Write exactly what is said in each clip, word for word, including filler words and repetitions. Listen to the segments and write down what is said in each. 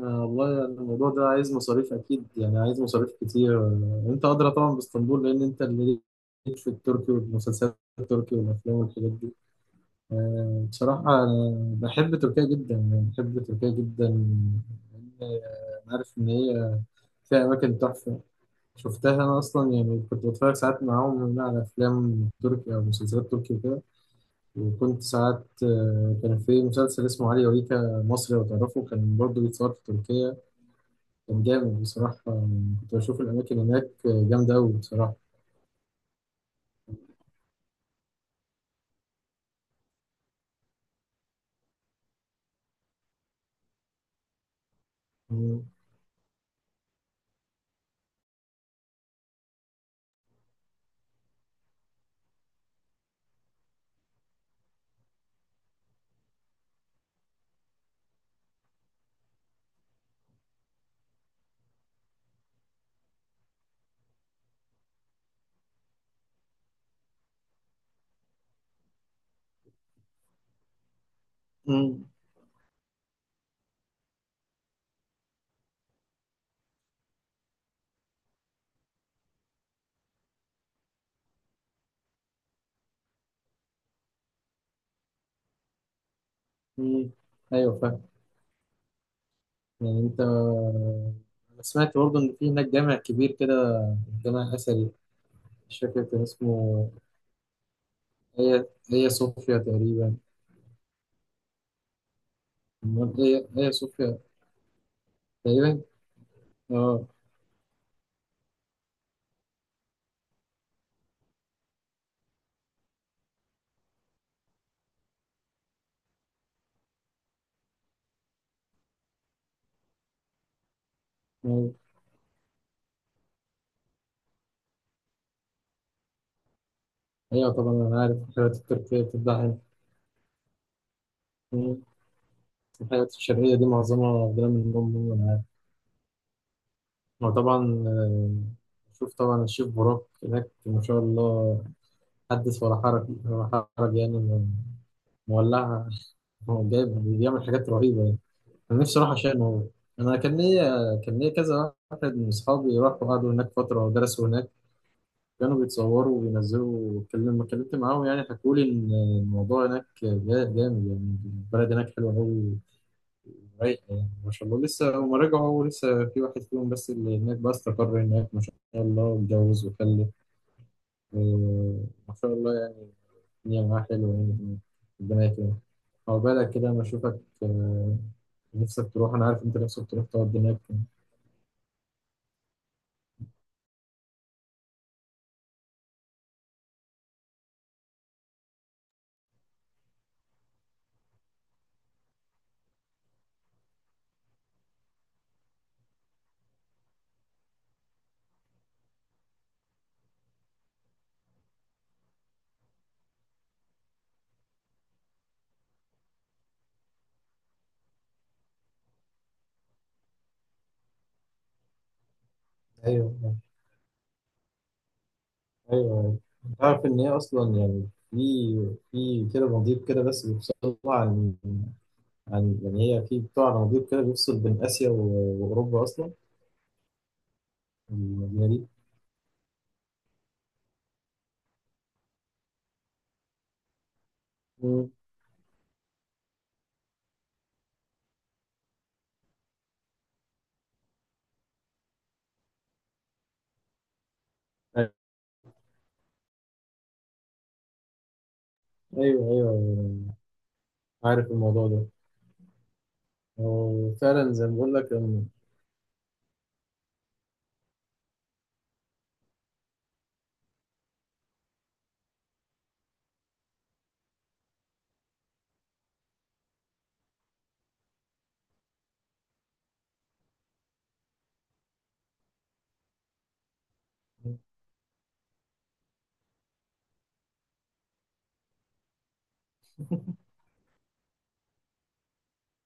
آه والله، يعني الموضوع ده عايز مصاريف أكيد، يعني عايز مصاريف كتير. آه، أنت أدرى طبعا باسطنبول، لأن أنت اللي ليك في التركي والمسلسلات التركي والأفلام والحاجات دي. آه بصراحة أنا بحب تركيا جدا، يعني بحب تركيا جدا. لأن آه، أنا عارف إن هي فيها أماكن تحفة، شفتها أنا أصلا. يعني كنت بتفرج ساعات معاهم هنا على أفلام تركي أو مسلسلات تركي وكده، وكنت ساعات آه، كان في مسلسل اسمه علي وريكا مصري، لو تعرفه، كان برضه بيتصور في تركيا. كان جامد بصراحة، كنت بشوف الأماكن هناك جامدة أوي بصراحة. مم. مم. مم. أيوة فاهم. يعني أنت أنا سمعت برضه إن في هناك جامع كبير كده، جامع أثري، مش فاكر كان اسمه. هي هي صوفيا تقريبا. أمال هي هي صوفيا. تقريبا، أه. أيوة. أيوة طبعا، أنا عارف الحاجات التركية بتتباع هنا. مم. الحاجات الشرقية دي معظمها واخدها من أم، أنا عارف. وطبعا، آه، شوف طبعا الشيف براك هناك ما شاء الله، حدث ولا حرج، ولا حرج. يعني إنه مولعها، هو جايبها، بيعمل حاجات رهيبة يعني. أنا نفسي أروح عشان هو. أنا كان ليا كان ليا كذا واحد من أصحابي راحوا قعدوا هناك فترة ودرسوا هناك، كانوا بيتصوروا وبينزلوا. لما اتكلمت معاهم يعني حكوا لي إن الموضوع هناك جا- جامد، يعني البلد هناك حلوة أوي، رايقة. يعني ما شاء الله لسه هما رجعوا، لسه في واحد فيهم بس اللي هناك بقى، استقر هناك ما شاء الله، اتجوز وخلف. آه، ما شاء الله، الدنيا معاه حلوة يعني هناك. ربنا يكرمك. هو بالك كده لما أشوفك آه، نفسك تروح، أنا عارف أنت نفسك تروح تقعد هناك. ايوه. أيوه، تعرف إن هي أصلا يعني في في كده مضيق كده، بس بيفصل عن عن يعني، هي في بتاع مضيق كده بيفصل بين آسيا و- وأوروبا أصلا، المدينة دي. مم. أيوه. أيوه أيوة، عارف الموضوع ده. هو فعلا زي ما بقول لك إن-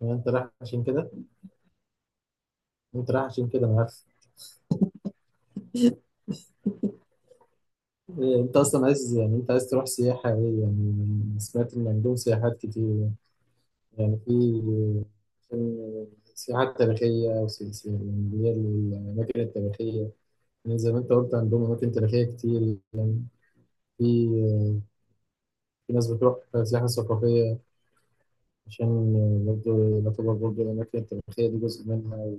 إن أنت رايح عشان كده. أنت رايح عشان كده، أنا عارف. إيه، انت اصلا عايز، يعني انت عايز تروح سياحة ايه يعني؟ سمعت ان عندهم سياحات كتير. يعني في كان سياحات تاريخية، وس- س- يعني اللي هي الأماكن التاريخية. يعني زي ما انت قلت، عندهم أماكن تاريخية كتير. في في ناس بتروح سياحة ثقافية، عشان برضه يعتبر برضه الأماكن التاريخية دي جزء منها،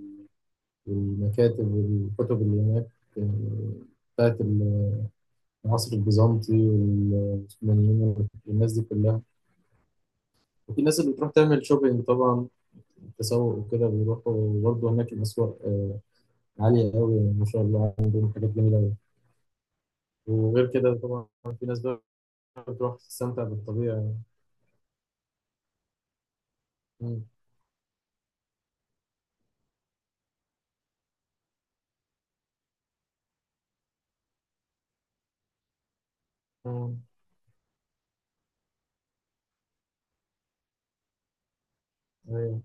والمكاتب والكتب اللي هناك آه، بتاعت العصر البيزنطي والعثمانيين والناس دي كلها. وفي ناس اللي بتروح تعمل شوبينج طبعا، تسوق وكده، بيروحوا برضه هناك الأسواق آه، عالية قوي ما شاء الله، عندهم حاجات جميلة قوي. وغير كده طبعا في ناس بقى بتروح تستمتع بالطبيعة. مم. مم. أيوه.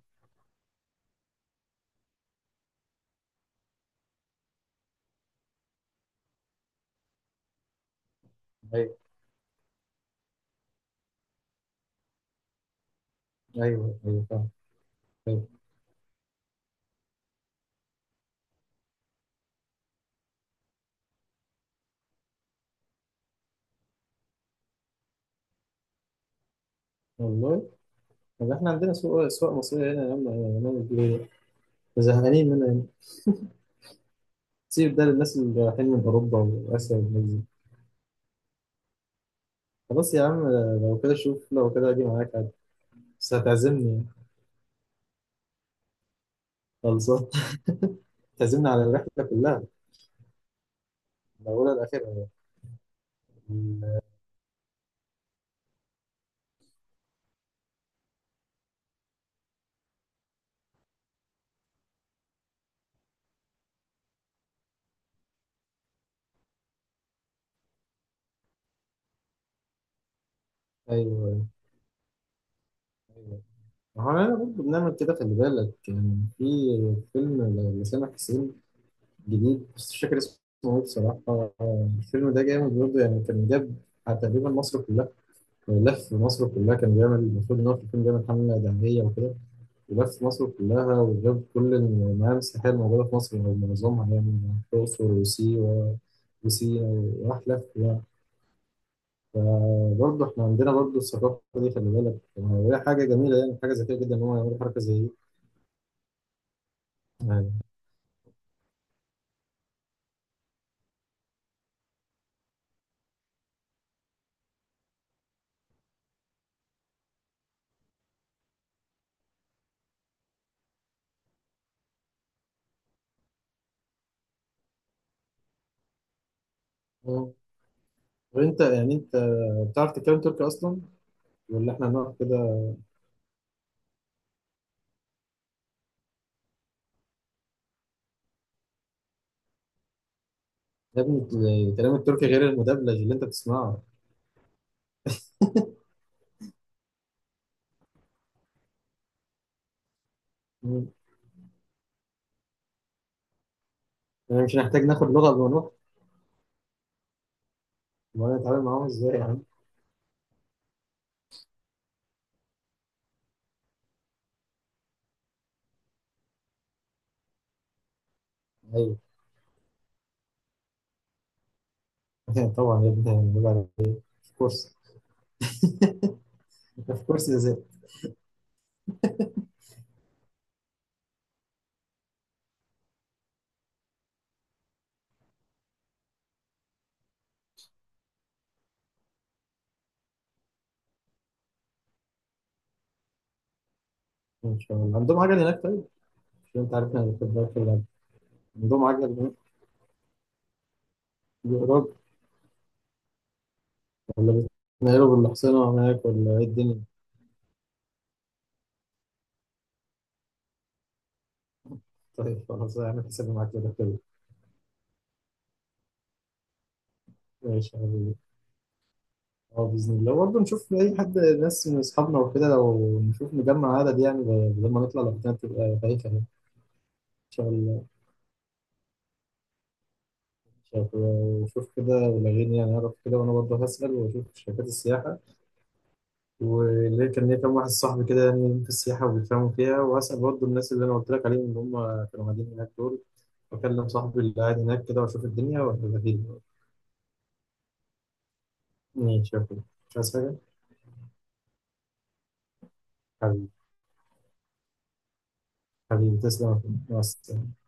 أيوه. أيوه أيوه فاهم. أيوه. والله، طب احنا عندنا سوق، أسواق مصرية هنا يا عم، هنعمل فيها إيه؟ زهقانين منها هنا. سيب ده للناس اللي رايحين من أوروبا وآسيا والناس دي. خلاص يا عم، آه، لو كده شوف، لو كده أجي معاك عادي. بس هتعزمني يعني. خلصان. تعزمني على الرحلة كلها، الأولى الأخيرة. ال- أيوه. أيوه، ما هو أنا برضه بنعمل كده، خلي بالك يعني. في فيلم لسامح حسين جديد، بس مش فاكر اسمه إيه بصراحة. الفيلم ده جامد برضه يعني، كان جاب تقريبا مصر كلها، لف مصر كلها. كان بيعمل، المفروض إن هو في الفيلم بيعمل حملة دعمية وكده، ولف مصر كلها وجاب كل المعالم السياحية الموجودة في مصر، أو معظمها يعني. الأقصر وسيوة وسينا، وراح لف يعني. برضه احنا عندنا برضه الثقافة دي، خلي بالك يعني، وهي حاجة جميلة، يعني حاجة ذكية جدا إن هم يعملوا حركة زي دي يعني. آه. وأنت يعني، أنت بتعرف تتكلم تركي أصلا، ولا احنا هنقعد كده؟ يا ابني ال- كلام التركي غير المدبلج اللي أنت بتسمعه. مم. يعني مش هنحتاج ناخد لغة قبل ما نروح، ولا نتعامل معاهم إزاي يا عم؟ أيوه. طبعا يا ابني، هنبقى في كورس. في كورس إزاي؟ إن شاء الله عندهم عجل هناك طيب؟ مش أنت عارف إحنا هناخد بالك ولا؟ عندهم عجل هناك، بيقرب؟ ولا بيتنقلوا بالحصينة هناك، ولا إيه الدنيا؟ طيب خلاص، هعمل حسابي معاك كده كده. ماشي يا حبيبي. اه باذن الله، برضه نشوف اي حد، ناس من اصحابنا وكده، لو نشوف نجمع عدد يعني، ب- لما نطلع لوحدنا تبقى بايخه. يعني ان شاء الله. شايف- وشوف كده ولغيني، يعني اعرف كده، وانا برضه هسأل واشوف شركات السياحه. واللي كان ليا كام واحد صاحبي كده، يعني في السياحه وبيفهموا فيها، وهسأل برضه الناس اللي انا قلت لك عليهم، اللي هم كانوا قاعدين هناك دول، واكلم صاحبي اللي قاعد هناك كده، واشوف الدنيا وهبقى فيه. ماشي يا أخوي. مش عايز حاجه حبيبي. حبيبي تسلم يا أخوي. مع السلامه.